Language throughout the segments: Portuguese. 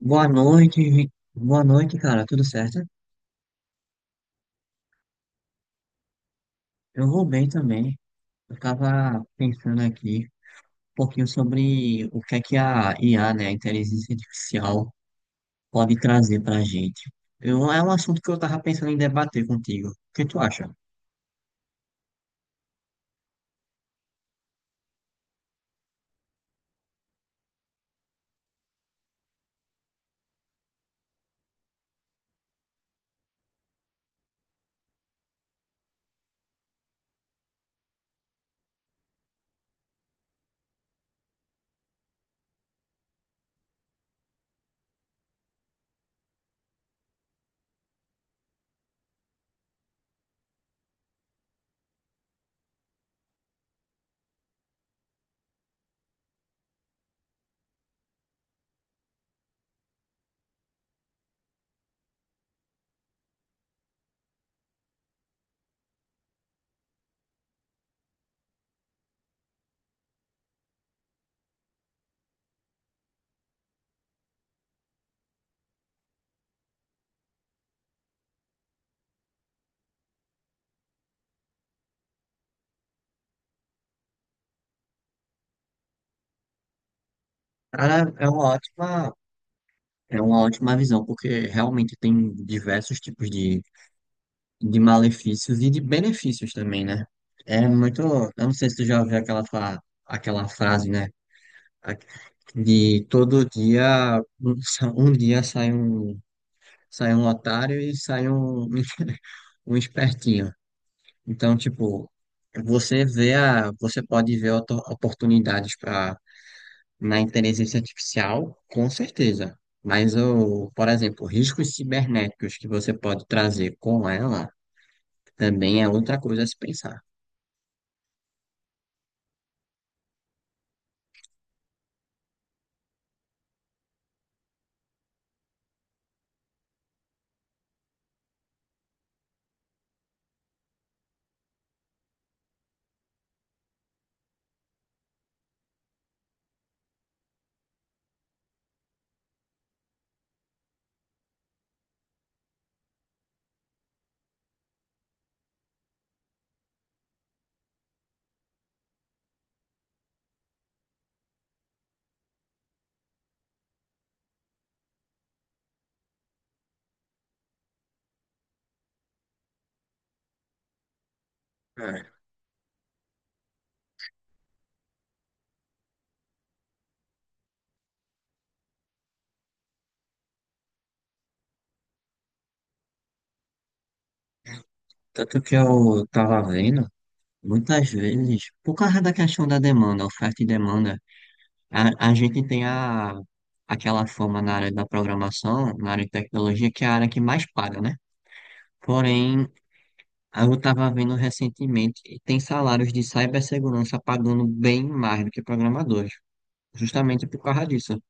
Boa noite, boa noite, cara. Tudo certo? Eu vou bem também. Eu tava pensando aqui um pouquinho sobre o que é que a IA, né, inteligência artificial, pode trazer pra gente. Eu, é um assunto que eu tava pensando em debater contigo. O que tu acha? Cara, é uma ótima visão, porque realmente tem diversos tipos de malefícios e de benefícios também, né? É muito. Eu não sei se tu já ouviu aquela frase, né? Aqui- De todo dia, um dia sai um otário e sai um, um espertinho. Então, tipo, você pode ver oportunidades para na inteligência artificial, com certeza. Mas por exemplo, riscos cibernéticos que você pode trazer com ela também é outra coisa a se pensar. É. Tanto que eu tava vendo, muitas vezes, por causa da questão da demanda, oferta e demanda, a gente tem aquela fama na área da programação, na área de tecnologia, que é a área que mais paga, né? Porém, eu estava vendo recentemente que tem salários de cibersegurança pagando bem mais do que programadores, justamente por causa disso,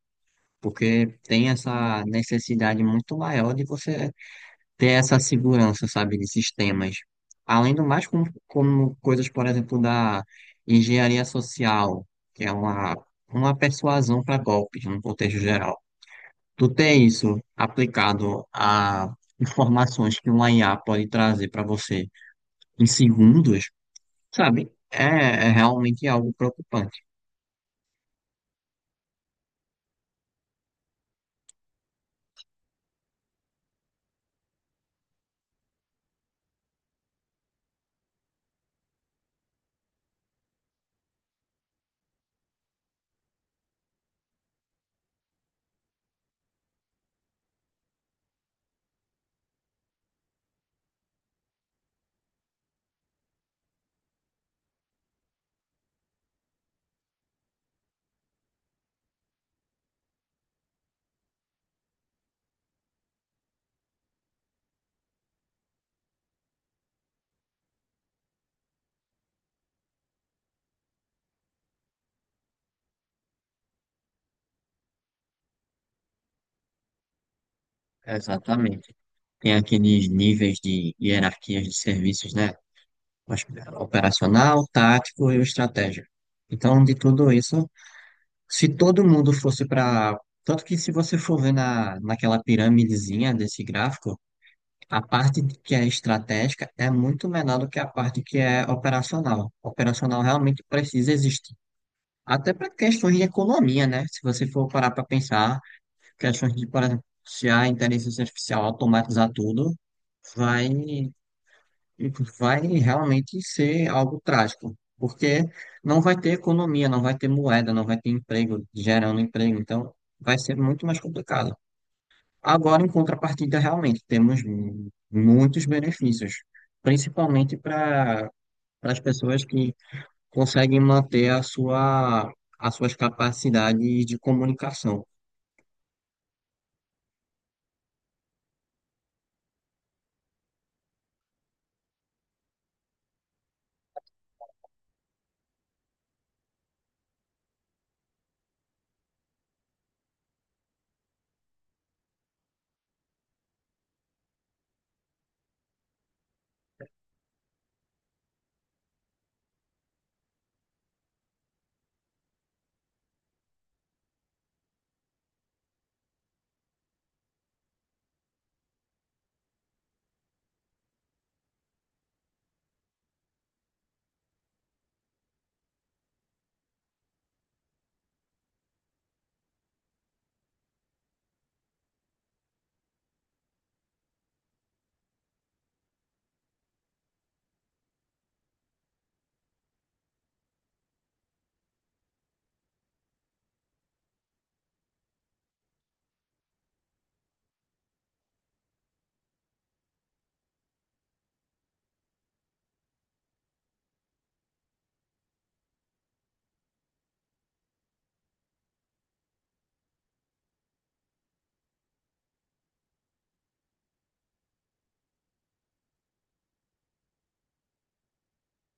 porque tem essa necessidade muito maior de você ter essa segurança, sabe, de sistemas. Além do mais, como coisas, por exemplo, da engenharia social, que é uma persuasão para golpes, num contexto geral. Tu tem isso aplicado a informações que uma IA pode trazer para você em segundos, sabe? É realmente algo preocupante. Exatamente. Tem aqueles níveis de hierarquias de serviços, né? Mas, operacional, tático e o estratégico. Então, de tudo isso, se todo mundo fosse para. Tanto que se você for ver naquela pirâmidezinha desse gráfico, a que é estratégica é muito menor do que a parte que é operacional. Operacional realmente precisa existir. Até para questões de economia, né? Se você for parar para pensar, por exemplo, se a inteligência artificial automatizar tudo, vai, vai realmente ser algo trágico. Porque não vai ter economia, não vai ter moeda, não vai ter emprego, gerando emprego. Então, vai ser muito mais complicado. Agora, em contrapartida, realmente temos muitos benefícios, principalmente para as pessoas que conseguem manter as suas capacidades de comunicação.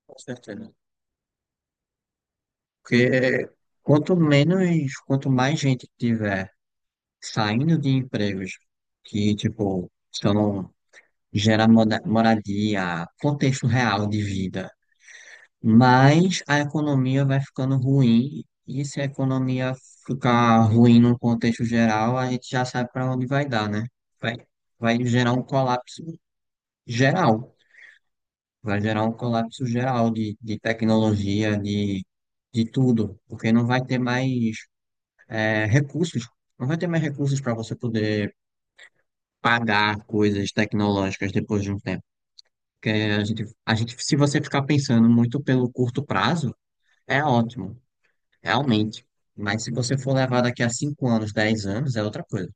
Com certeza. Porque quanto mais gente tiver saindo de empregos que, tipo, só não gera moradia, contexto real de vida, mas a economia vai ficando ruim, e se a economia ficar ruim num contexto geral, a gente já sabe para onde vai dar, né? Vai, vai gerar um colapso geral, vai gerar um colapso geral de tecnologia, de tudo, porque não vai ter mais recursos, não vai ter mais recursos para você poder pagar coisas tecnológicas depois de um tempo. Porque a gente, se você ficar pensando muito pelo curto prazo, é ótimo. Realmente. Mas se você for levar daqui a 5 anos, 10 anos, é outra coisa.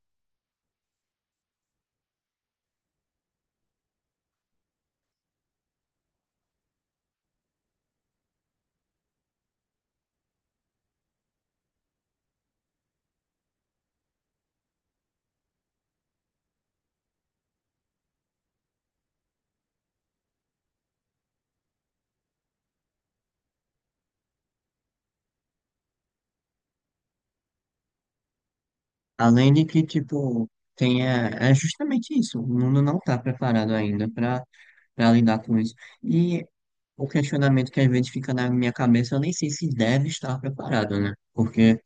Além de que, tipo, tem, é justamente isso. O mundo não está preparado ainda para lidar com isso. E o questionamento que às vezes fica na minha cabeça, eu nem sei se deve estar preparado, né? Porque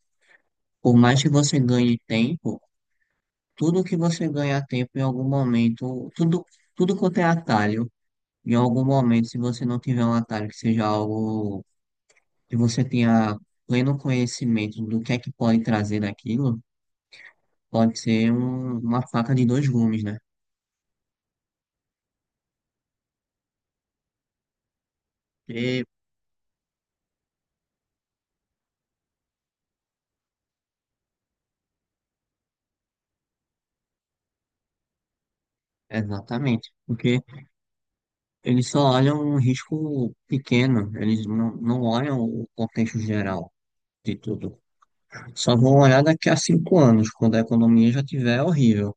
por mais que você ganhe tempo, tudo que você ganhar tempo em algum momento, tudo quanto é atalho, em algum momento, se você não tiver um atalho que seja algo que você tenha pleno conhecimento do que é que pode trazer daquilo, pode ser uma faca de dois gumes, né? E- exatamente. Porque eles só olham um risco pequeno, eles não olham o contexto geral de tudo. Só vão olhar daqui a cinco anos, quando a economia já tiver horrível.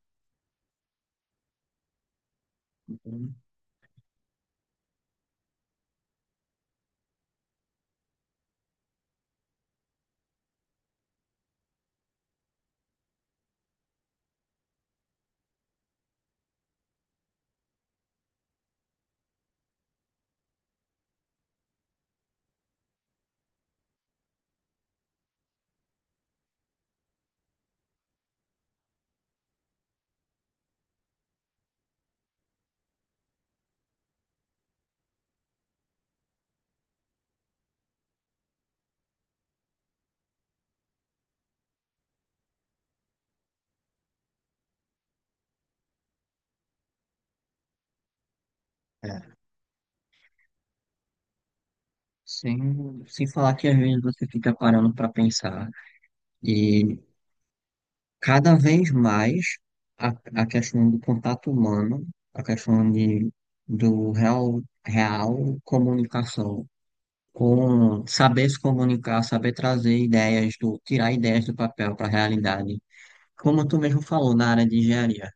É, sem, sem falar que às vezes você fica parando para pensar. E cada vez mais a, a questão do contato humano, a questão de, do real comunicação, com saber se comunicar, saber trazer ideias, do, tirar ideias do papel para a realidade. Como tu mesmo falou na área de engenharia,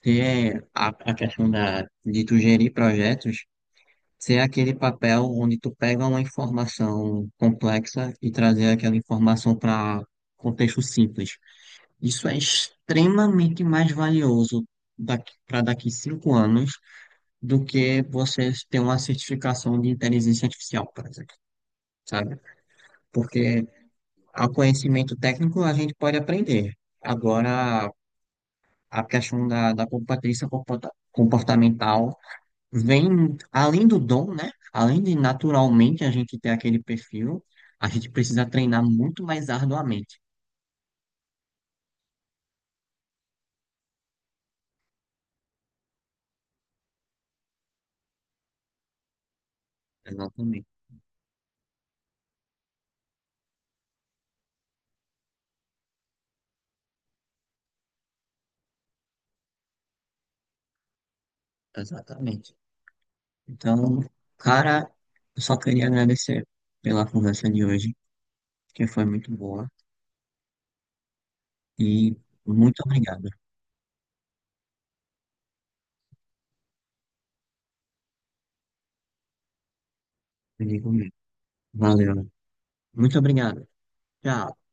ter a questão de tu gerir projetos, ser aquele papel onde tu pega uma informação complexa e trazer aquela informação para contexto simples, isso é extremamente mais valioso para daqui cinco anos do que você ter uma certificação de inteligência artificial, por exemplo, sabe? Porque o conhecimento técnico a gente pode aprender. Agora, a questão da competência comportamental vem além do dom, né? Além de naturalmente a gente ter aquele perfil, a gente precisa treinar muito mais arduamente. Exatamente. Exatamente. Então, cara, eu só queria agradecer pela conversa de hoje, que foi muito boa. E muito obrigado. Eu digo mesmo. Valeu. Muito obrigado. Tchau.